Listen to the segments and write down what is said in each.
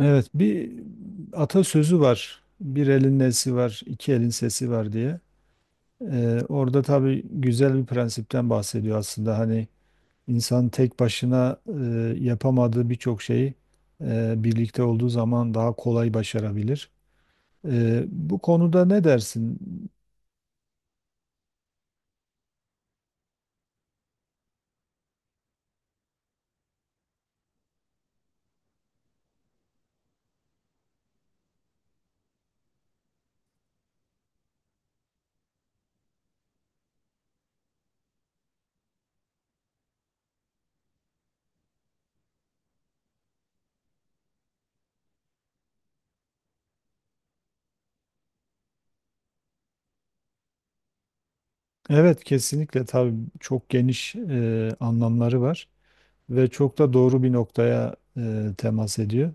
Evet, bir atasözü var. Bir elin nesi var, iki elin sesi var diye. Orada tabii güzel bir prensipten bahsediyor aslında. Hani insan tek başına yapamadığı birçok şeyi birlikte olduğu zaman daha kolay başarabilir. Bu konuda ne dersin? Evet, kesinlikle tabii çok geniş anlamları var ve çok da doğru bir noktaya temas ediyor.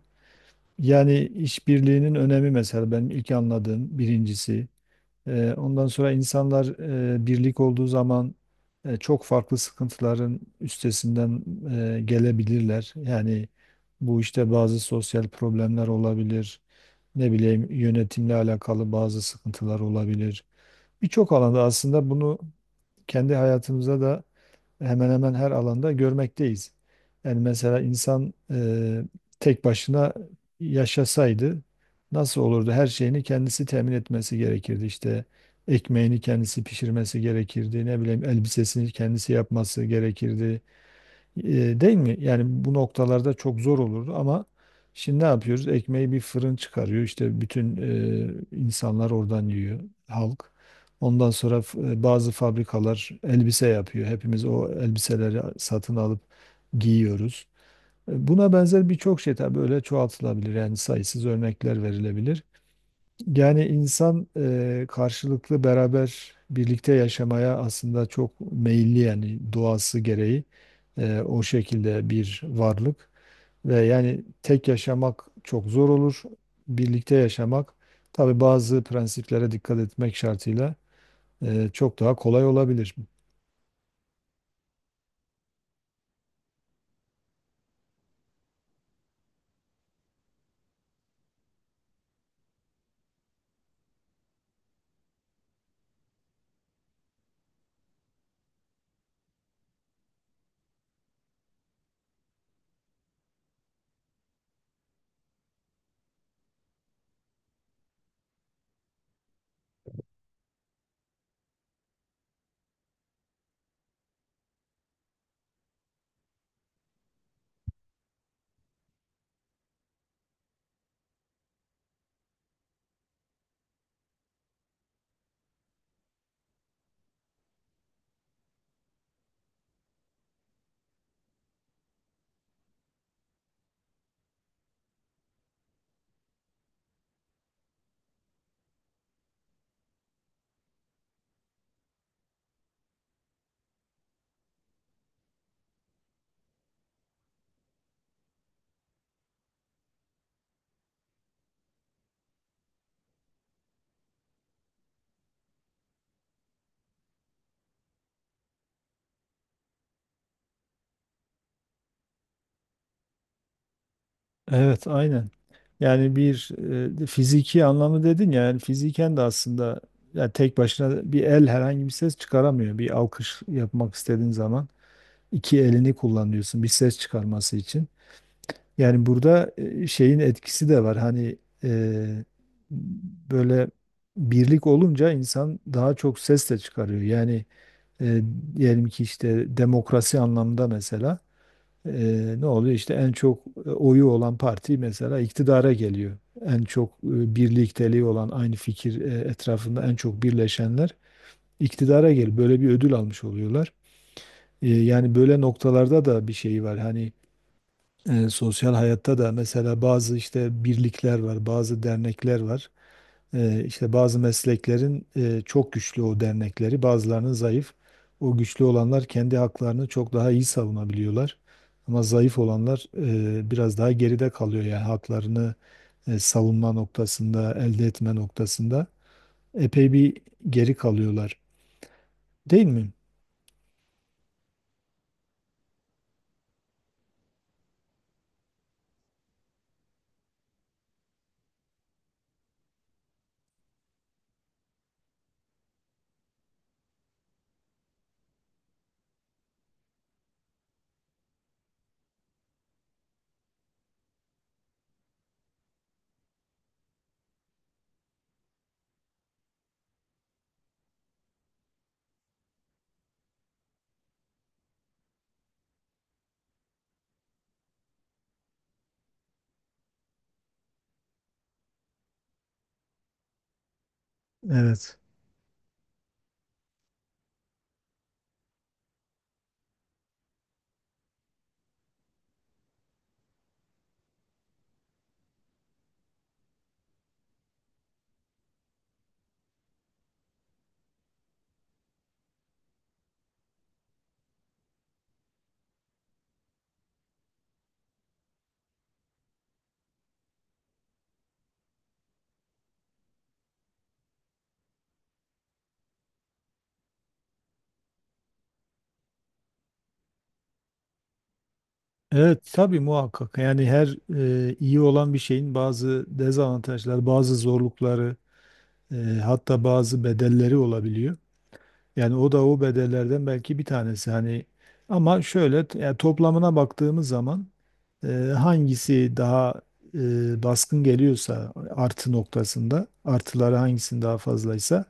Yani işbirliğinin önemi mesela benim ilk anladığım birincisi. Ondan sonra insanlar birlik olduğu zaman çok farklı sıkıntıların üstesinden gelebilirler. Yani bu işte bazı sosyal problemler olabilir, ne bileyim yönetimle alakalı bazı sıkıntılar olabilir. Birçok alanda aslında bunu kendi hayatımıza da hemen hemen her alanda görmekteyiz. Yani mesela insan tek başına yaşasaydı nasıl olurdu? Her şeyini kendisi temin etmesi gerekirdi. İşte ekmeğini kendisi pişirmesi gerekirdi. Ne bileyim elbisesini kendisi yapması gerekirdi. E, değil mi? Yani bu noktalarda çok zor olurdu ama şimdi ne yapıyoruz? Ekmeği bir fırın çıkarıyor. İşte bütün insanlar oradan yiyor, halk. Ondan sonra bazı fabrikalar elbise yapıyor. Hepimiz o elbiseleri satın alıp giyiyoruz. Buna benzer birçok şey tabii böyle çoğaltılabilir. Yani sayısız örnekler verilebilir. Yani insan karşılıklı beraber birlikte yaşamaya aslında çok meyilli yani doğası gereği o şekilde bir varlık ve yani tek yaşamak çok zor olur. Birlikte yaşamak tabii bazı prensiplere dikkat etmek şartıyla çok daha kolay olabilir. Evet, aynen. Yani bir fiziki anlamı dedin ya, yani fiziken de aslında yani tek başına bir el herhangi bir ses çıkaramıyor. Bir alkış yapmak istediğin zaman, iki elini kullanıyorsun bir ses çıkarması için. Yani burada şeyin etkisi de var. Hani e, böyle birlik olunca insan daha çok ses de çıkarıyor. Yani e, diyelim ki işte demokrasi anlamında mesela e, ne oluyor? İşte en çok oyu olan parti mesela iktidara geliyor. En çok birlikteliği olan aynı fikir etrafında en çok birleşenler iktidara geliyor. Böyle bir ödül almış oluyorlar. Yani böyle noktalarda da bir şey var. Hani sosyal hayatta da mesela bazı işte birlikler var, bazı dernekler var. E, işte bazı mesleklerin çok güçlü o dernekleri, bazılarının zayıf. O güçlü olanlar kendi haklarını çok daha iyi savunabiliyorlar. Ama zayıf olanlar biraz daha geride kalıyor yani haklarını savunma noktasında, elde etme noktasında epey bir geri kalıyorlar. Değil mi? Evet. Evet, tabii muhakkak yani her iyi olan bir şeyin bazı dezavantajları, bazı zorlukları e, hatta bazı bedelleri olabiliyor. Yani o da o bedellerden belki bir tanesi hani, ama şöyle yani toplamına baktığımız zaman e, hangisi daha baskın geliyorsa artı noktasında artıları hangisinin daha fazlaysa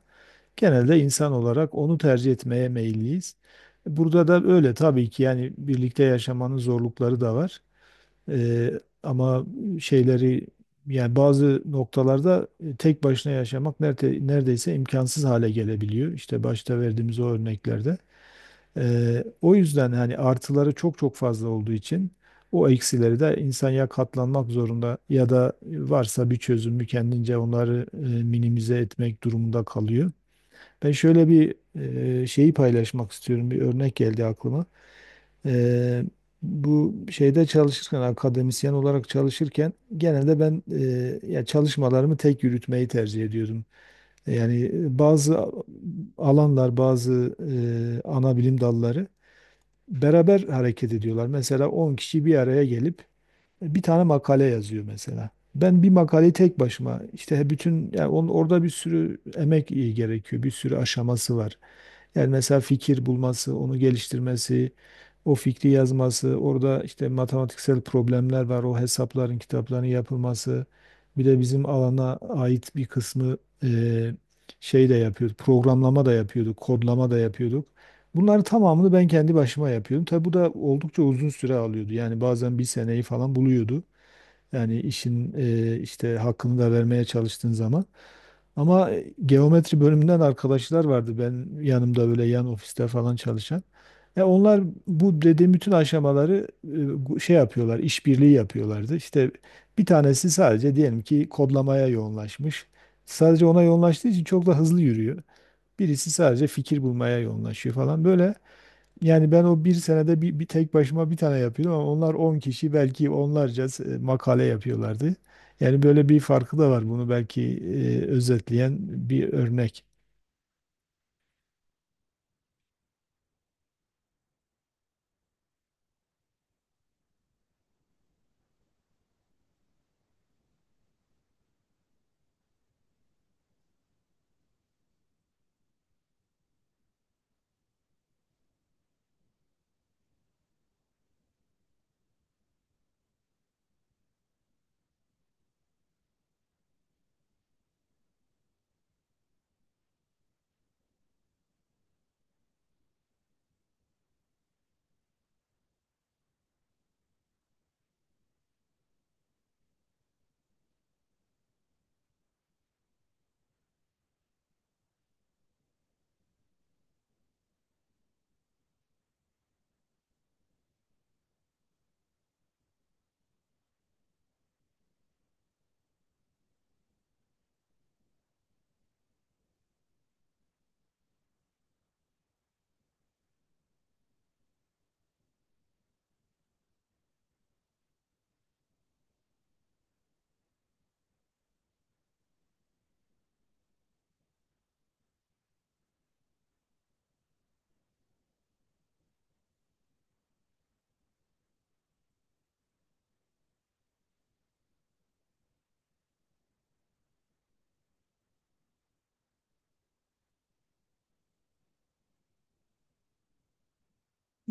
genelde insan olarak onu tercih etmeye meyilliyiz. Burada da öyle tabii ki, yani birlikte yaşamanın zorlukları da var. Ee, ama şeyleri yani bazı noktalarda tek başına yaşamak nerede, neredeyse imkansız hale gelebiliyor. İşte başta verdiğimiz o örneklerde. O yüzden hani artıları çok çok fazla olduğu için o eksileri de insan ya katlanmak zorunda ya da varsa bir çözümü kendince onları minimize etmek durumunda kalıyor. Ben şöyle bir şeyi paylaşmak istiyorum. Bir örnek geldi aklıma. Eee, bu şeyde çalışırken, akademisyen olarak çalışırken genelde ben ya çalışmalarımı tek yürütmeyi tercih ediyordum. Yani bazı alanlar, bazı ana bilim dalları beraber hareket ediyorlar. Mesela 10 kişi bir araya gelip bir tane makale yazıyor mesela. Ben bir makaleyi tek başıma işte bütün, yani onun, orada bir sürü emek iyi gerekiyor. Bir sürü aşaması var. Yani mesela fikir bulması, onu geliştirmesi, o fikri yazması, orada işte matematiksel problemler var, o hesapların, kitapların yapılması. Bir de bizim alana ait bir kısmı eee, şey de yapıyorduk, programlama da yapıyorduk, kodlama da yapıyorduk. Bunların tamamını ben kendi başıma yapıyordum. Tabi bu da oldukça uzun süre alıyordu. Yani bazen bir seneyi falan buluyordu. Yani işin işte hakkını da vermeye çalıştığın zaman. Ama geometri bölümünden arkadaşlar vardı ben yanımda böyle yan ofiste falan çalışan. Onlar bu dediğim bütün aşamaları şey yapıyorlar, işbirliği yapıyorlardı. İşte bir tanesi sadece diyelim ki kodlamaya yoğunlaşmış. Sadece ona yoğunlaştığı için çok da hızlı yürüyor. Birisi sadece fikir bulmaya yoğunlaşıyor falan böyle. Yani ben o bir senede bir tek başıma bir tane yapıyordum ama onlar 10 kişi belki onlarca makale yapıyorlardı. Yani böyle bir farkı da var, bunu belki özetleyen bir örnek.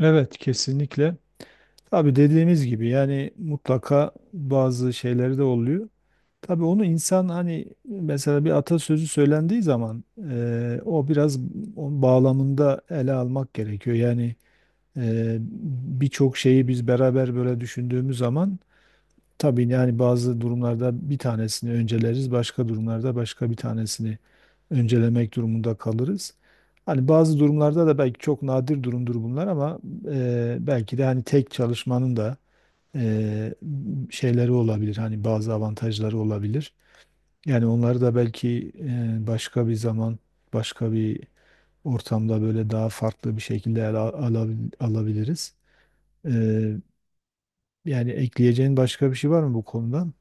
Evet, kesinlikle. Tabii dediğimiz gibi yani mutlaka bazı şeyleri de oluyor. Tabii onu insan hani mesela bir atasözü söylendiği zaman o biraz onun bağlamında ele almak gerekiyor. Yani eee, birçok şeyi biz beraber böyle düşündüğümüz zaman. Tabii yani bazı durumlarda bir tanesini önceleriz, başka durumlarda başka bir tanesini öncelemek durumunda kalırız. Hani bazı durumlarda da, belki çok nadir durumdur bunlar ama belki de hani tek çalışmanın da e, şeyleri olabilir. Hani bazı avantajları olabilir. Yani onları da belki başka bir zaman, başka bir ortamda böyle daha farklı bir şekilde ele alabiliriz. E, yani ekleyeceğin başka bir şey var mı bu konudan?